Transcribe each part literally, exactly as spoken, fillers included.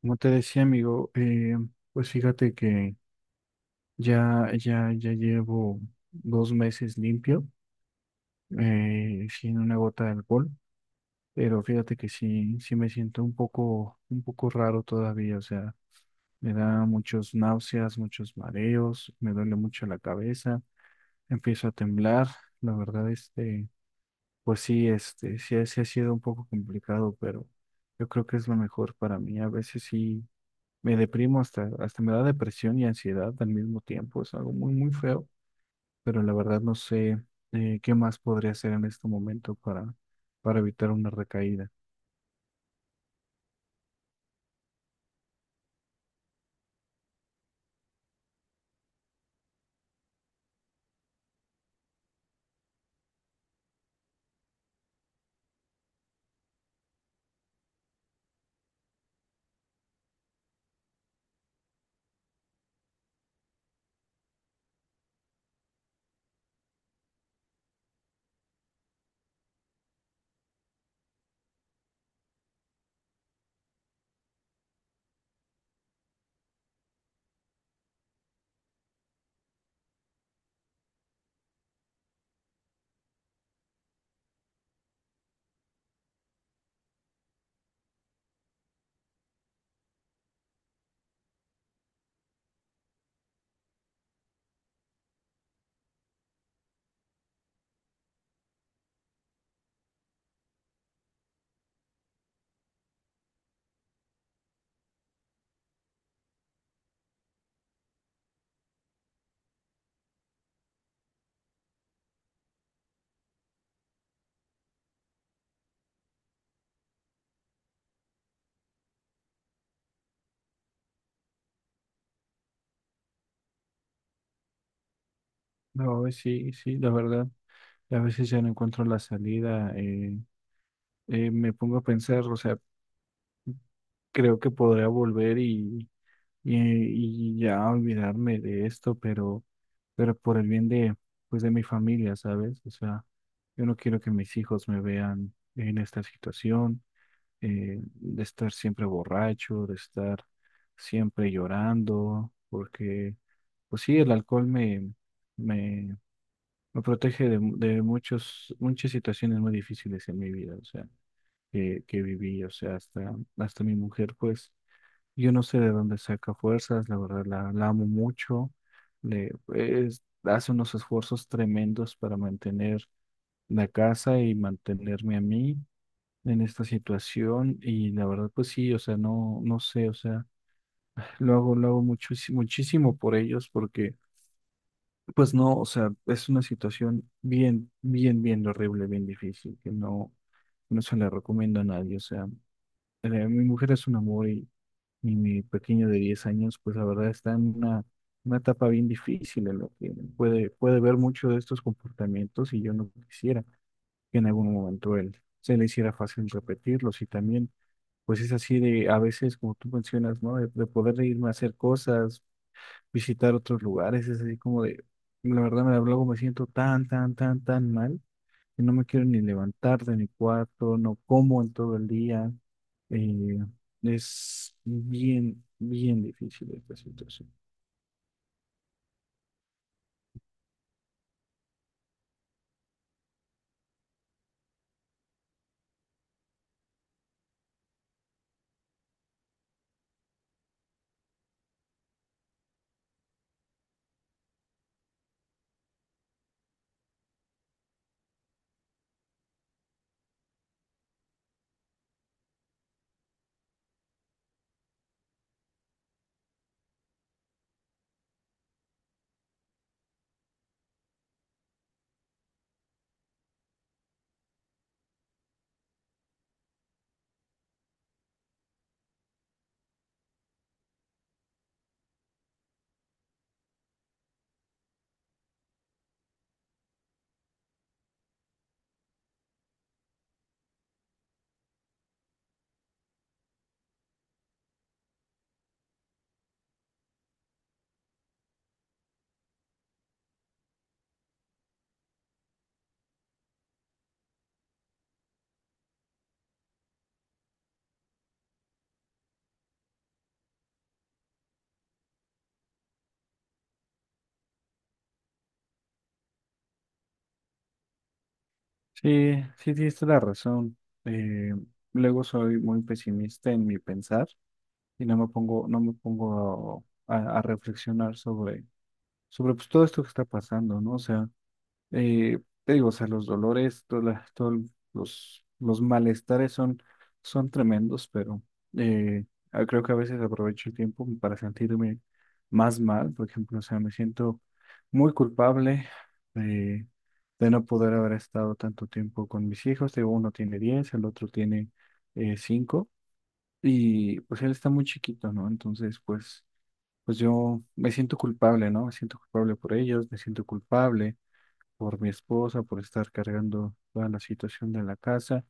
Como te decía, amigo, eh, pues fíjate que ya, ya, ya llevo dos meses limpio, eh, sin una gota de alcohol, pero fíjate que sí, sí me siento un poco, un poco raro todavía. O sea, me da muchos náuseas, muchos mareos, me duele mucho la cabeza, empiezo a temblar, la verdad, este, pues sí, este, sí, ha- sí ha sido un poco complicado, pero yo creo que es lo mejor para mí, a veces sí. Me deprimo, hasta, hasta me da depresión y ansiedad al mismo tiempo. Es algo muy, muy feo, pero la verdad no sé, eh, qué más podría hacer en este momento para, para, evitar una recaída. No, eh, sí, sí, la verdad. A veces ya no encuentro la salida. Eh, eh, me pongo a pensar, o sea, creo que podría volver y, y, y, ya olvidarme de esto, pero, pero por el bien de, pues, de mi familia, ¿sabes? O sea, yo no quiero que mis hijos me vean en esta situación. Eh, de estar siempre borracho, de estar siempre llorando, porque, pues sí, el alcohol me, me, me protege de, de muchos, muchas situaciones muy difíciles en mi vida. O sea, que, que viví, o sea, hasta, hasta mi mujer, pues, yo no sé de dónde saca fuerzas, la verdad, la, la amo mucho, le, pues, hace unos esfuerzos tremendos para mantener la casa y mantenerme a mí en esta situación. Y la verdad pues sí, o sea, no, no sé, o sea, lo hago, lo hago muchísimo, muchísimo por ellos, porque pues no, o sea, es una situación bien, bien, bien horrible, bien difícil, que no, no se la recomiendo a nadie. O sea, eh, mi mujer es un amor, y, y mi pequeño de diez años, pues la verdad está en una, una etapa bien difícil, en lo que puede, puede ver mucho de estos comportamientos, y yo no quisiera que en algún momento él se le hiciera fácil repetirlos. Y también, pues es así de, a veces, como tú mencionas, ¿no? De, de poder irme a hacer cosas, visitar otros lugares. Es así como de, la verdad, me, luego me siento tan, tan, tan, tan mal que no me quiero ni levantar de mi cuarto, no como en todo el día. eh, es bien, bien difícil esta situación. Sí, sí, tienes toda la razón. Eh, Luego soy muy pesimista en mi pensar, y no me pongo, no me pongo a, a reflexionar sobre, sobre, pues, todo esto que está pasando, ¿no? O sea, eh, te digo, o sea, los dolores, todas las- todos los, los malestares son, son tremendos. Pero eh, ah, creo que a veces aprovecho el tiempo para sentirme más mal. Por ejemplo, o sea, me siento muy culpable de, de, no poder haber estado tanto tiempo con mis hijos. Te digo, uno tiene diez, el otro tiene eh, cinco, y pues él está muy chiquito, ¿no? Entonces, pues, pues yo me siento culpable, ¿no? Me siento culpable por ellos, me siento culpable por mi esposa, por estar cargando toda la situación de la casa.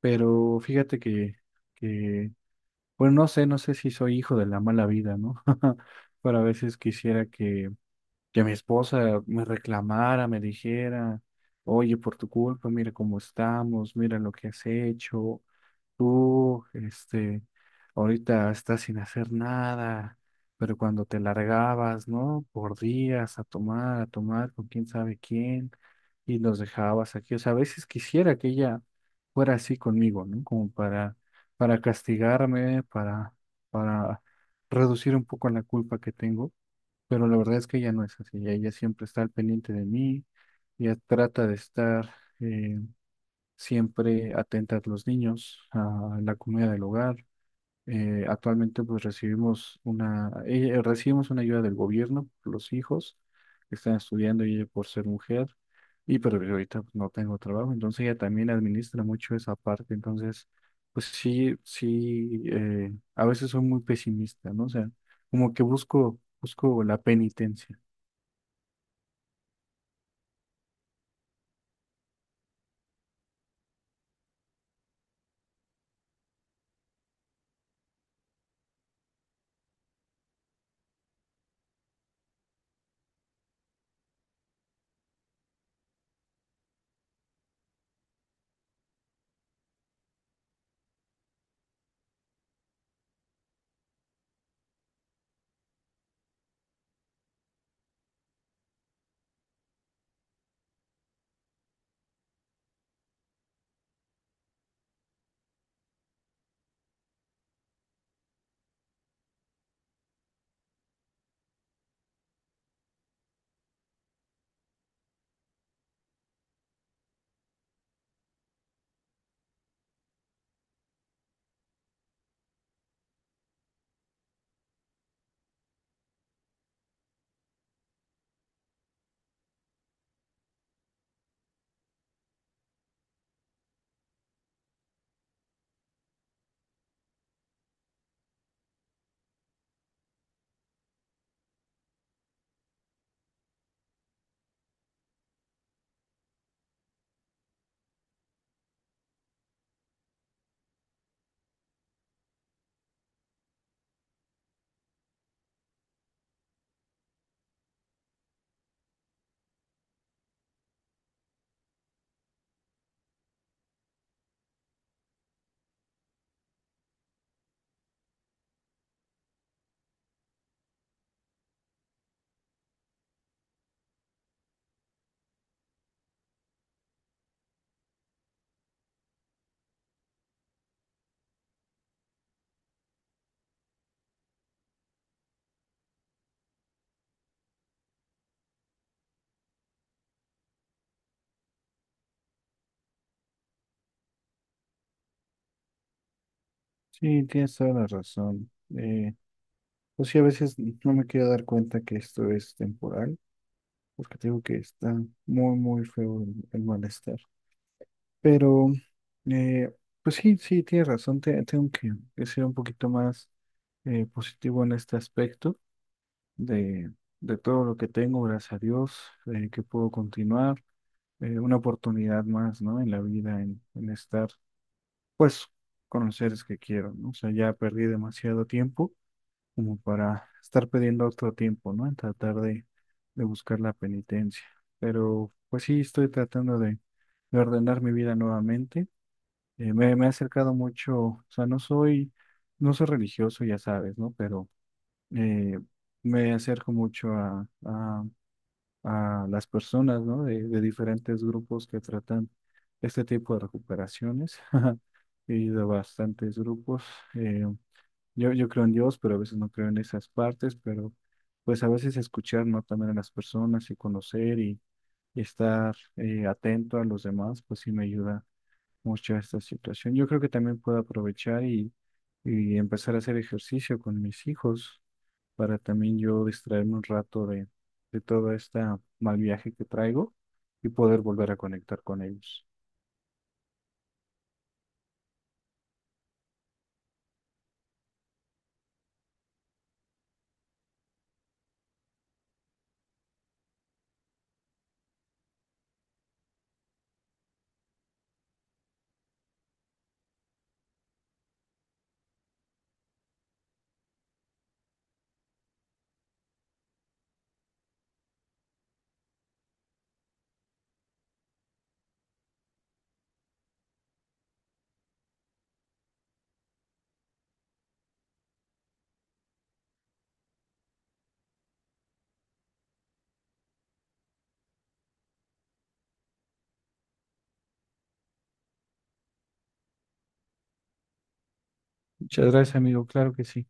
Pero fíjate que, que, bueno, no sé, no sé si soy hijo de la mala vida, ¿no? Pero a veces quisiera que, que mi esposa me reclamara, me dijera: oye, por tu culpa, mira cómo estamos, mira lo que has hecho tú, este, ahorita estás sin hacer nada, pero cuando te largabas, ¿no? Por días a tomar, a tomar con quién sabe quién, y los dejabas aquí. O sea, a veces quisiera que ella fuera así conmigo, ¿no? Como para, para castigarme, para, para reducir un poco la culpa que tengo. Pero la verdad es que ella no es así, ella ella siempre está al pendiente de mí, ella trata de estar... eh, siempre atentas los niños, a la comida del hogar. Eh, actualmente pues recibimos una, ella- recibimos una ayuda del gobierno, por los hijos que están estudiando y ella por ser mujer. Y pero yo ahorita pues no tengo trabajo, entonces ella también administra mucho esa parte. Entonces pues sí, sí, eh, a veces soy muy pesimista, ¿no? O sea, como que busco, busco la penitencia. Sí, tienes toda la razón. Eh, pues sí, a veces no me quiero dar cuenta que esto es temporal, porque te digo que está muy, muy feo el, el malestar. Pero, eh, pues sí, sí, tienes razón, te- tengo que, que, ser un poquito más eh, positivo en este aspecto de, de todo lo que tengo, gracias a Dios, eh, que puedo continuar, eh, una oportunidad más, ¿no? En la vida, en, en estar, pues, con los seres que quiero, ¿no? O sea, ya perdí demasiado tiempo como para estar pidiendo otro tiempo, ¿no? En tratar de, de buscar la penitencia. Pero pues sí, estoy tratando de, de ordenar mi vida nuevamente. Eh, me, me he acercado mucho, o sea, no soy, no soy religioso, ya sabes, ¿no? Pero eh, me acerco mucho a, a, a las personas, ¿no? De, de diferentes grupos que tratan este tipo de recuperaciones. He ido a bastantes grupos. eh, yo, yo creo en Dios, pero a veces no creo en esas partes. Pero pues a veces escuchar, ¿no? También a las personas y conocer, y, y, estar eh, atento a los demás, pues sí me ayuda mucho a esta situación. Yo creo que también puedo aprovechar y, y, empezar a hacer ejercicio con mis hijos, para también yo distraerme un rato de, de todo este mal viaje que traigo, y poder volver a conectar con ellos. Muchas gracias, amigo. Claro que sí.